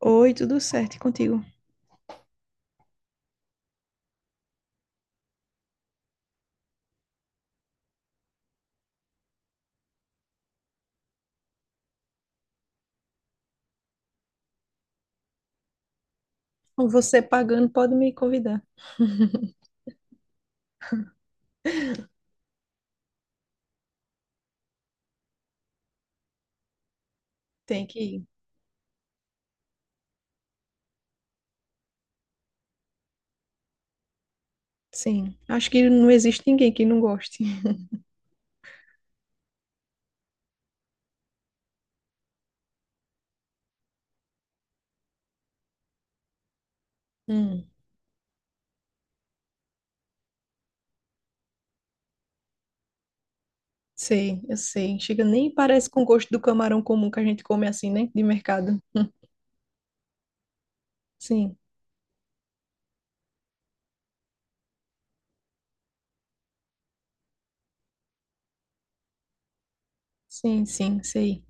Oi, tudo certo e contigo? Você pagando pode me convidar. Tem que ir. Sim, acho que não existe ninguém que não goste. Hum, sei, eu sei. Chega, nem parece com o gosto do camarão comum que a gente come assim, né? De mercado. Hum. Sim, sim, sei.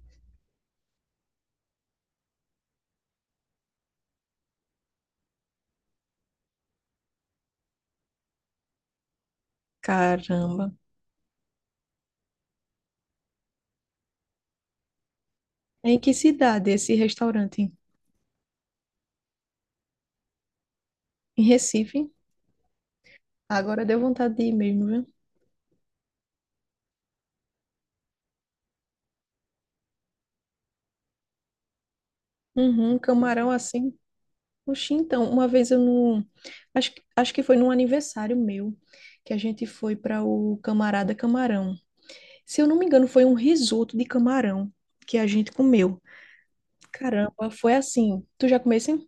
Caramba. É em que cidade esse restaurante? Em Recife? Agora deu vontade de ir mesmo, viu? Uhum, camarão assim. Oxi, então, uma vez eu não. Acho que foi num aniversário meu que a gente foi para o Camarada Camarão. Se eu não me engano, foi um risoto de camarão que a gente comeu. Caramba, foi assim. Tu já comeu assim?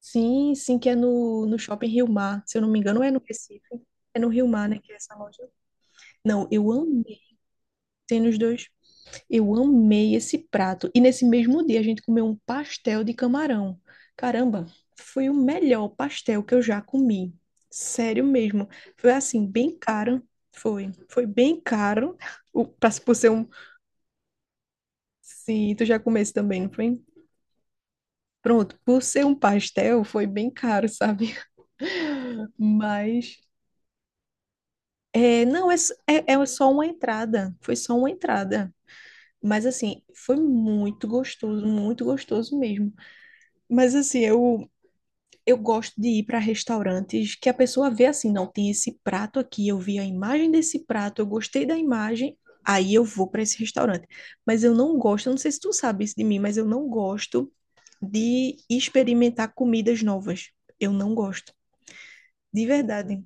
Sim, sim, que é no Shopping Rio Mar. Se eu não me engano, é no Recife. É no Rio Mar, né? Que é essa loja. Não, eu amei. Tem nos dois. Eu amei esse prato. E nesse mesmo dia a gente comeu um pastel de camarão. Caramba, foi o melhor pastel que eu já comi. Sério mesmo. Foi assim, bem caro. Foi. Foi bem caro. O, por ser um. Sim, tu já comeu esse também, não foi? Pronto, por ser um pastel, foi bem caro, sabe? Mas. É, não, é, s- é, é só uma entrada. Foi só uma entrada. Mas assim, foi muito gostoso mesmo. Mas assim, eu gosto de ir para restaurantes que a pessoa vê assim, não, tem esse prato aqui, eu vi a imagem desse prato, eu gostei da imagem, aí eu vou para esse restaurante. Mas eu não gosto, eu não sei se tu sabe isso de mim, mas eu não gosto de experimentar comidas novas. Eu não gosto, de verdade.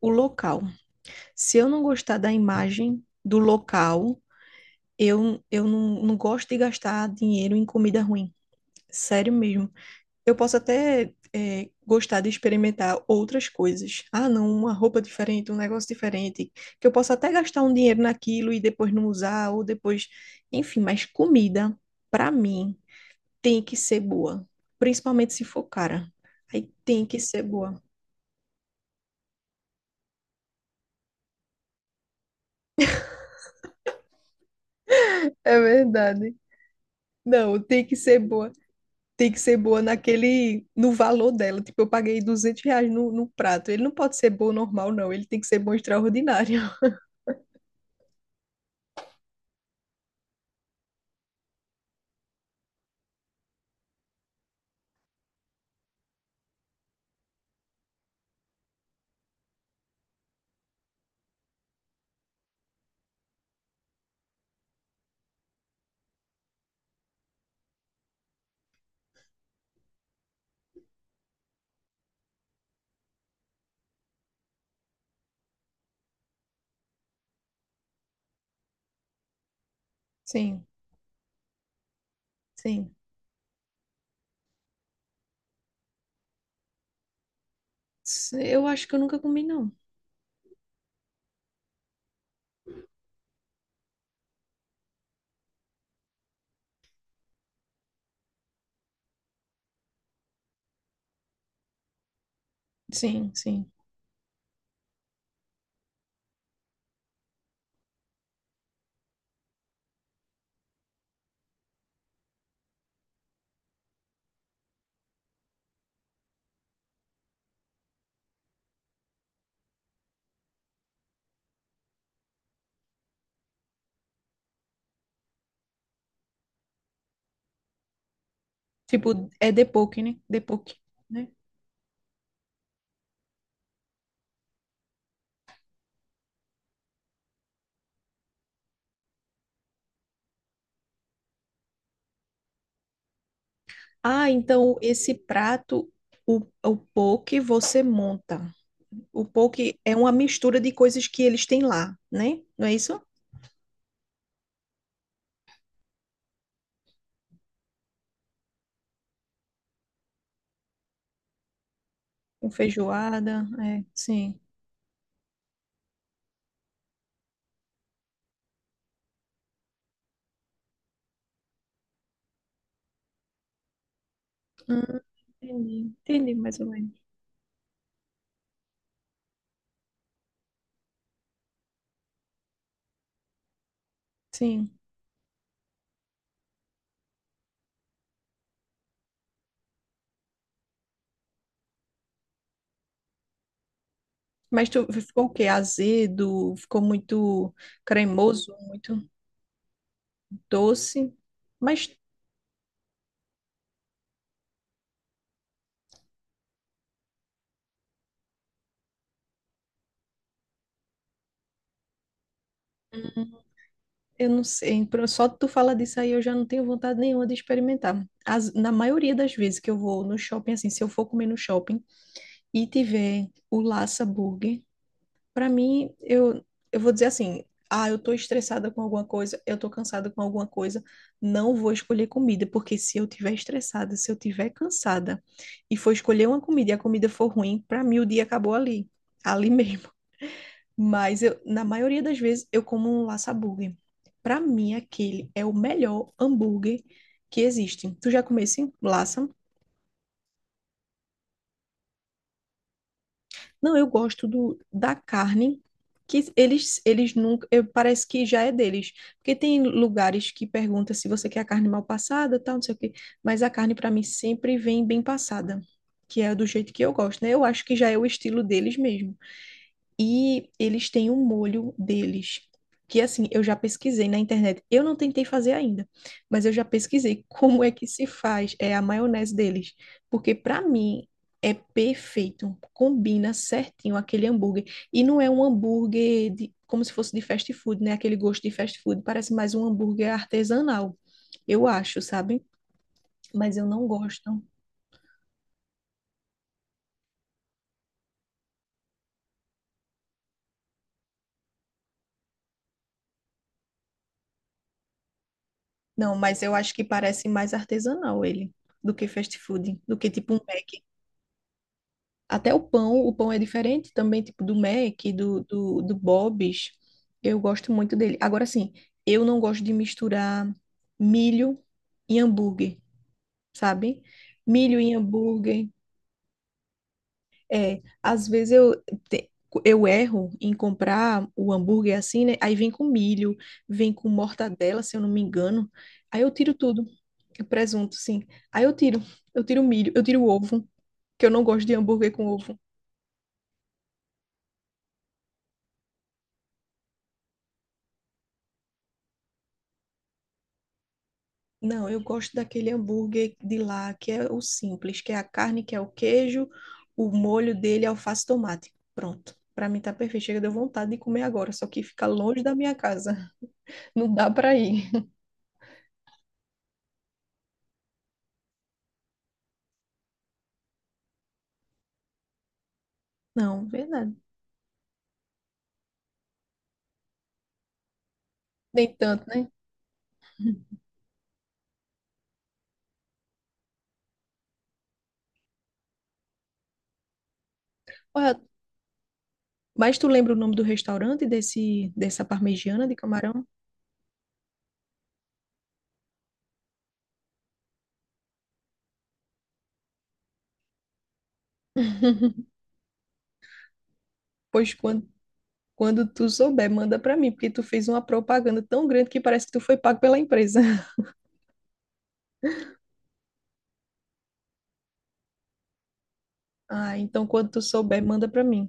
O local. Se eu não gostar da imagem do local, eu não, não gosto de gastar dinheiro em comida ruim. Sério mesmo. Eu posso até é, gostar de experimentar outras coisas. Ah, não, uma roupa diferente, um negócio diferente, que eu posso até gastar um dinheiro naquilo e depois não usar, ou depois. Enfim, mas comida, pra mim, tem que ser boa. Principalmente se for cara. Aí tem que ser boa. É verdade. Não, tem que ser boa. Tem que ser boa naquele, no valor dela. Tipo, eu paguei R$ 200 no prato. Ele não pode ser bom normal, não. Ele tem que ser bom extraordinário. Sim, sim. Eu acho que eu nunca comi, não. Sim, sim. Tipo, é de depoque, né? De Depoque, né? Ah, então esse prato, o poke você monta. O poke é uma mistura de coisas que eles têm lá, né? Não é isso? Com feijoada, é, sim. Hum, entendi, entendi mais ou menos. Sim. Mas tu ficou o quê? Azedo, ficou muito cremoso, muito doce. Mas eu não sei, só tu fala disso aí eu já não tenho vontade nenhuma de experimentar. Na maioria das vezes que eu vou no shopping, assim, se eu for comer no shopping e tiver o Laça Burger, pra mim, eu vou dizer assim, ah, eu tô estressada com alguma coisa, eu tô cansada com alguma coisa, não vou escolher comida, porque se eu tiver estressada, se eu tiver cansada e for escolher uma comida e a comida for ruim, pra mim o dia acabou ali mesmo. Mas eu, na maioria das vezes eu como um laça hambúrguer. Para mim, aquele é o melhor hambúrguer que existe. Tu já comeu esse laça? Não, eu gosto do, da carne que eles nunca, parece que já é deles, porque tem lugares que perguntam se você quer a carne mal passada, tal, não sei o quê, mas a carne para mim sempre vem bem passada, que é do jeito que eu gosto, né? Eu acho que já é o estilo deles mesmo. E eles têm um molho deles, que assim, eu já pesquisei na internet. Eu não tentei fazer ainda, mas eu já pesquisei como é que se faz é a maionese deles, porque para mim é perfeito, combina certinho aquele hambúrguer e não é um hambúrguer de, como se fosse de fast food, né? Aquele gosto de fast food, parece mais um hambúrguer artesanal. Eu acho, sabe? Mas eu não gosto. Não, mas eu acho que parece mais artesanal ele do que fast food, do que tipo um. Até o pão é diferente também, tipo do Mac, do Bob's. Eu gosto muito dele. Agora sim, eu não gosto de misturar milho e hambúrguer, sabe? Milho e hambúrguer. É, às vezes te- eu erro em comprar o hambúrguer assim, né? Aí vem com milho, vem com mortadela, se eu não me engano. Aí eu tiro tudo, presunto, sim. Aí eu tiro, eu tiro o milho, eu tiro o ovo, que eu não gosto de hambúrguer com ovo. Não, eu gosto daquele hambúrguer de lá, que é o simples, que é a carne, que é o queijo, o molho dele é alface e tomate. Pronto. Pra mim tá perfeito. Chega, deu vontade de comer agora, só que fica longe da minha casa. Não dá pra ir. Não, verdade. Nem tanto, né? Olha, mas tu lembra o nome do restaurante desse, dessa parmegiana de camarão? Pois quando tu souber, manda pra mim, porque tu fez uma propaganda tão grande que parece que tu foi pago pela empresa. Ah, então quando tu souber, manda pra mim.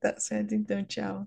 Tá certo, então, tchau.